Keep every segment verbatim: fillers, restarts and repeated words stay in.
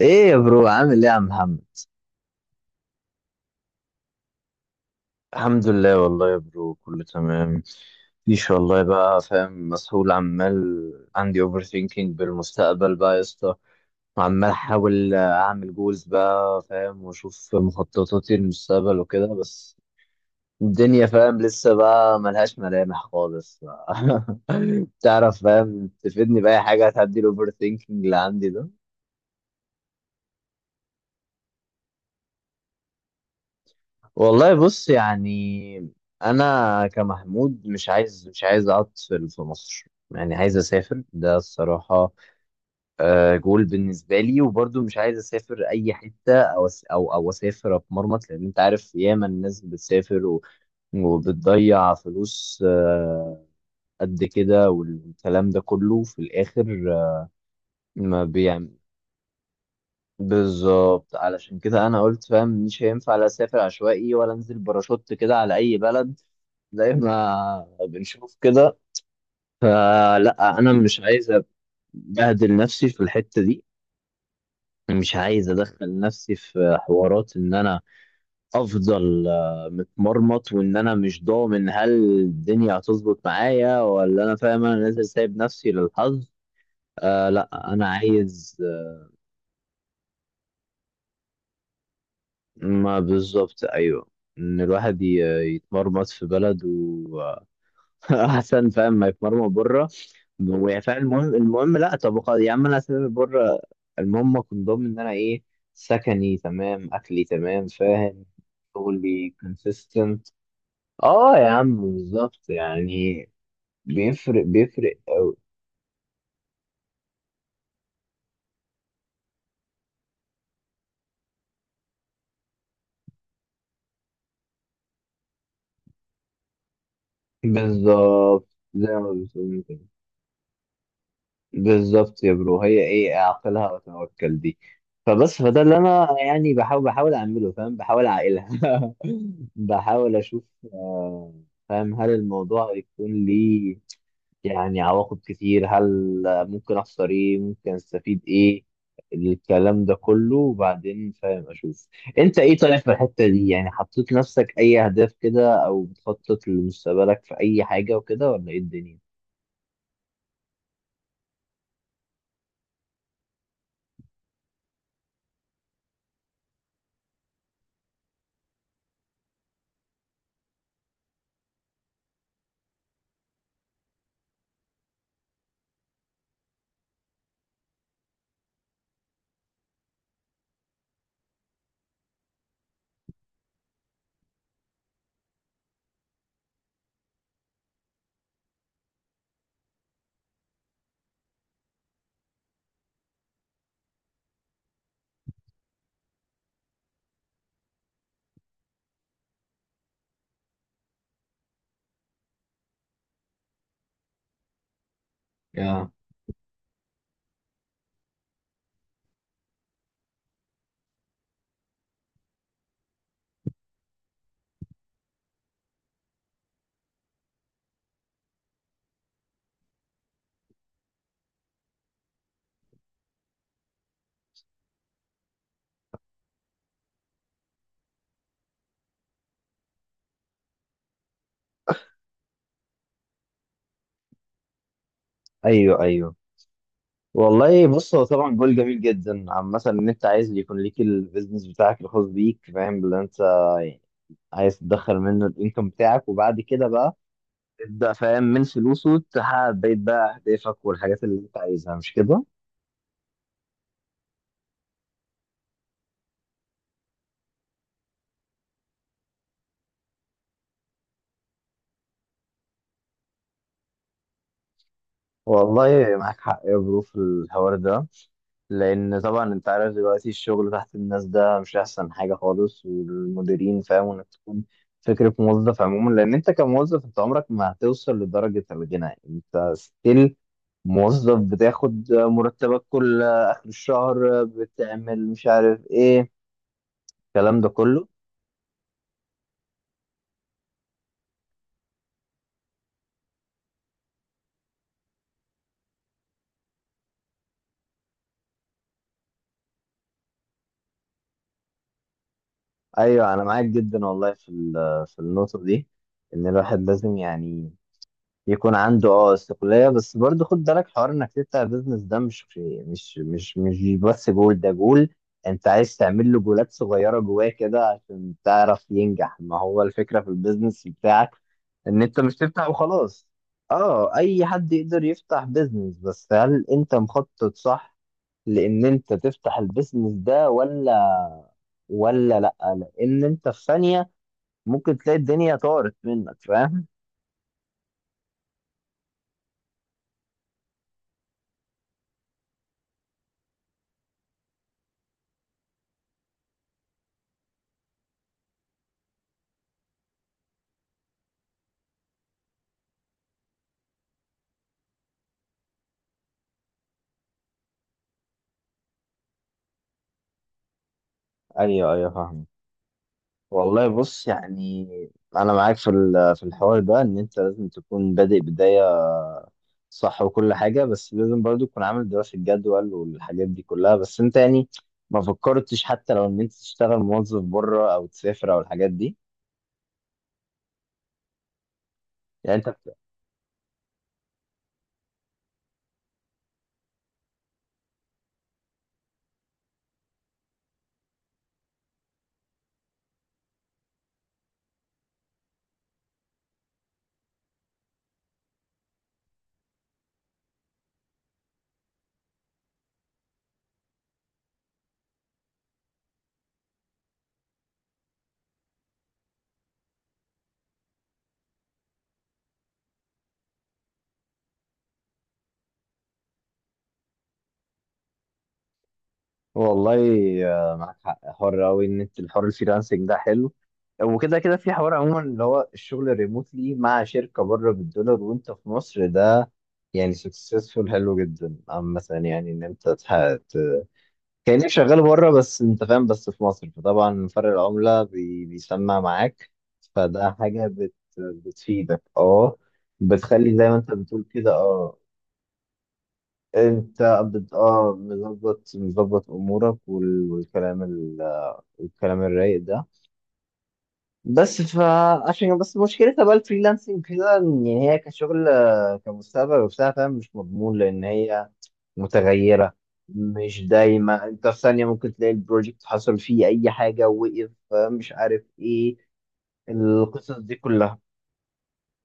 ايه يا برو؟ عامل ايه يا عم محمد؟ الحمد لله والله يا برو، كله تمام. مفيش والله، بقى فاهم، مسؤول عمال. عندي اوفر ثينكينج بالمستقبل بقى يا اسطى. وعمال احاول اعمل جولز، بقى فاهم، واشوف مخططاتي للمستقبل وكده بس. الدنيا، فاهم، لسه بقى ملهاش ملامح خالص. تعرف، فاهم، تفيدني بأي حاجة هتعدي الاوفر ثينكينج اللي عندي ده؟ والله بص، يعني، انا كمحمود مش عايز مش عايز اقعد في في مصر. يعني عايز اسافر، ده الصراحه. آه، جول بالنسبه لي، وبرضو مش عايز اسافر اي حته او أس- او او اسافر اتمرمط، لان انت عارف ياما الناس بتسافر و- وبتضيع فلوس. آه، قد كده والكلام ده كله في الاخر. آه، ما بيعمل. بالظبط علشان كده انا قلت، فاهم، مش هينفع لا اسافر عشوائي ولا انزل باراشوت كده على اي بلد، زي ما بنشوف كده. فلا انا مش عايز ابهدل نفسي في الحته دي. مش عايز ادخل نفسي في حوارات ان انا افضل آه، متمرمط، وان انا مش ضامن هل الدنيا هتظبط معايا ولا، انا، فاهم، انا نازل سايب نفسي للحظ. آه لا، انا عايز. آه، ما بالظبط، ايوه. ان الواحد ي- يتمرمط في بلد واحسن فاهم ما يتمرمط بره. هو فعلا المهم المهم، لا طب خلاص يا عم، انا هسافر بره. المهم اكون ضامن ان انا ايه، سكني تمام، اكلي تمام، فاهم، شغلي كونسيستنت. اه يا عم بالظبط، يعني بيفرق بيفرق قوي. بالظبط. زي ما بتقول كده، بالظبط يا برو. هي ايه اعقلها وتوكل دي؟ فبس فده اللي انا، يعني، بحاول بحاول اعمله، فاهم، بحاول اعقلها. بحاول اشوف، آه، فاهم، هل الموضوع يكون ليه يعني عواقب كتير؟ هل ممكن اخسر ايه؟ ممكن استفيد ايه؟ الكلام ده كله، وبعدين، فاهم، اشوف. انت ايه طالع في الحتة دي؟ يعني حطيت نفسك اي اهداف كده، او بتخطط لمستقبلك في اي حاجة وكده، ولا ايه الدنيا؟ يا ايوه ايوه. والله بص، هو طبعا جول جميل جدا عامة، ان انت عايز يكون ليك البيزنس بتاعك الخاص بيك، فاهم اللي انت عايز تدخل منه الانكم بتاعك، وبعد كده بقى تبدأ، فاهم، من فلوسه تحقق بقية بقى أهدافك والحاجات اللي أنت عايزها، مش كده؟ والله معاك حق يا برو في الحوار ده. لأن طبعا أنت عارف دلوقتي الشغل تحت الناس ده مش أحسن حاجة خالص، والمديرين، فاهم، إنك تكون فكرة موظف عموما. لأن أنت كموظف أنت عمرك ما هتوصل لدرجة الغنى، أنت ستيل موظف، بتاخد مرتبك كل آخر الشهر، بتعمل مش عارف إيه، الكلام ده كله. ايوه، انا معاك جدا والله في ال- في النقطه دي، ان الواحد لازم، يعني، يكون عنده اه استقلاليه. بس برضه خد بالك، حوار انك تفتح بيزنس ده مش مش مش مش بس جول، ده جول انت عايز تعمل له جولات صغيره جواه كده عشان تعرف ينجح، ما هو الفكره في البيزنس بتاعك ان انت مش تفتح وخلاص. اه، اي حد يقدر يفتح بيزنس، بس هل انت مخطط صح لان انت تفتح البيزنس ده ولا ولا لا؟ لان انت في ثانيه ممكن تلاقي الدنيا طارت منك، فاهم. ايوه ايوه، فاهم. والله بص، يعني، انا معاك في ال- في الحوار ده، ان انت لازم تكون بادئ بدايه صح وكل حاجه، بس لازم برضو تكون عامل دراسه جدول والحاجات دي كلها، بس انت يعني ما فكرتش حتى لو ان انت تشتغل موظف بره او تسافر او الحاجات دي، يعني انت؟ والله آه، معاك حق، حر قوي ان انت الحوار الفريلانسنج ده حلو، وكده كده في حوار عموما اللي هو الشغل ريموتلي مع شركه بره بالدولار وانت في مصر ده، يعني سكسسفول حلو جدا عامة. يعني ان انت تح- ت- كأنك شغال بره بس انت، فاهم، بس في مصر، فطبعا فرق العملة بي- بيسمع معاك، فده حاجة بت بتفيدك، اه، بتخلي زي ما انت بتقول كده، اه. انت بت اه مظبط مظبط امورك وال- والكلام، والكلام الرايق ده. بس فعشان بس مشكلتها بقى الفريلانسنج كده، إن يعني هي كشغل، آه، كمستقبل وبتاع، فاهم، مش مضمون، لان هي متغيره، مش دايما. انت في ثانيه ممكن تلاقي البروجكت حصل فيه اي حاجه، وقف، آه، مش عارف ايه، القصص دي كلها.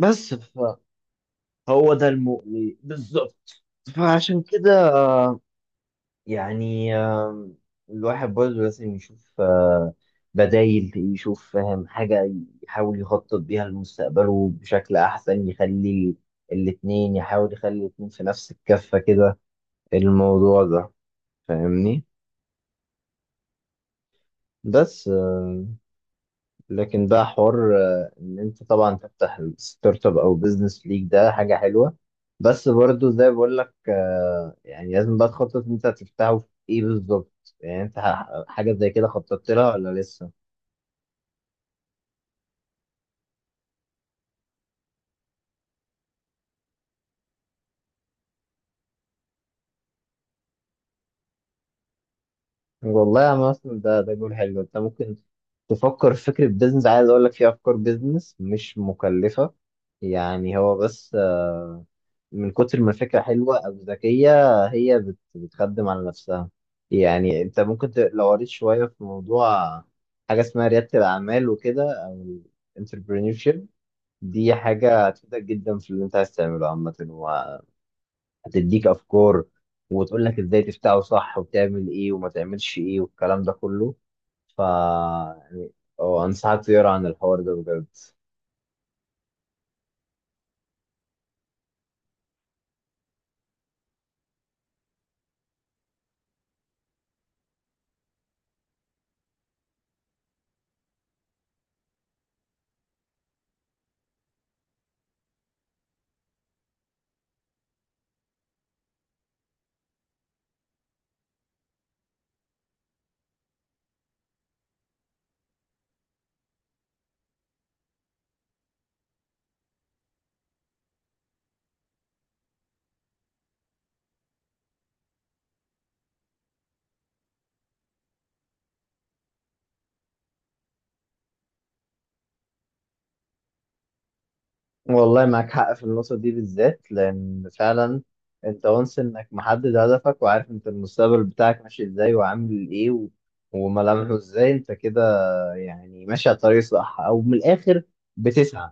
بس فهو ده المقلق بالظبط. فعشان كده، آه، يعني، آم، الواحد برضه لازم يشوف آه، بدايل، يشوف، فاهم، حاجة يحاول يخطط بيها لمستقبله بشكل أحسن، يخلي الاتنين، يحاول يخلي الاتنين في نفس الكفة كده، الموضوع ده، فاهمني. بس، آه، لكن ده حوار، آه، ان انت طبعا تفتح ستارت اب او بزنس ليك، ده حاجه حلوه. بس برضو زي بقول لك، آه، يعني لازم بقى تخطط انت هتفتحه في ايه بالظبط. يعني انت ح- حاجه زي كده خططت لها ولا لسه؟ والله يا مثلا، ده ده جول حلو، انت ممكن تفكر في فكره بزنس. عايز اقول لك، في افكار بزنس مش مكلفه، يعني هو بس، آه، من كتر ما الفكرة حلوة أو ذكية، هي بت... بتخدم على نفسها. يعني أنت ممكن ت... لو قريت شوية في موضوع حاجة اسمها ريادة الأعمال وكده، أو ال entrepreneurship، دي حاجة هتفيدك جدا في اللي أنت عايز تعمله عامة، وهتديك أفكار، وتقول لك إزاي تفتحه صح، وتعمل إيه وما تعملش إيه والكلام ده كله. ف يعني، أه، أنصحك تقرا عن الحوار ده بجد. والله معاك حق في النقطة دي بالذات، لأن فعلا أنت وانس إنك محدد هدفك، وعارف أنت المستقبل بتاعك ماشي إزاي وعامل إيه و... وملامحه إزاي. أنت كده، يعني، ماشي على الطريق الصح، أو من الآخر بتسعى.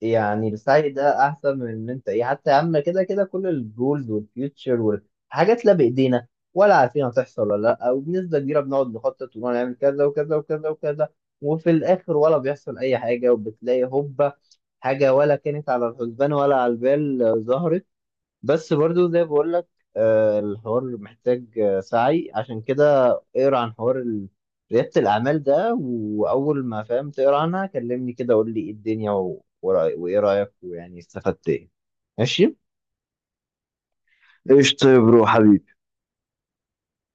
يعني السعي ده احسن من ان انت ايه، حتى يا عم كده كده، كل الجولز والفيوتشر والحاجات لا بايدينا ولا عارفين هتحصل ولا لا، وبنسبه كبيره بنقعد نخطط ونقعد نعمل كذا وكذا وكذا وكذا، وفي الاخر ولا بيحصل اي حاجه، وبتلاقي هوبا حاجه ولا كانت على الحسبان ولا على البال ظهرت. بس برضو زي بقول لك، آه، الحوار محتاج آه، سعي، عشان كده اقرا عن حوار ال- ريادة الأعمال ده، وأول ما فاهم تقرا عنها كلمني، كده قول لي إيه الدنيا و- ورأي- وإيه رأيك، ويعني استفدت إيه. ماشي؟ ايش، طيب روح حبيبي.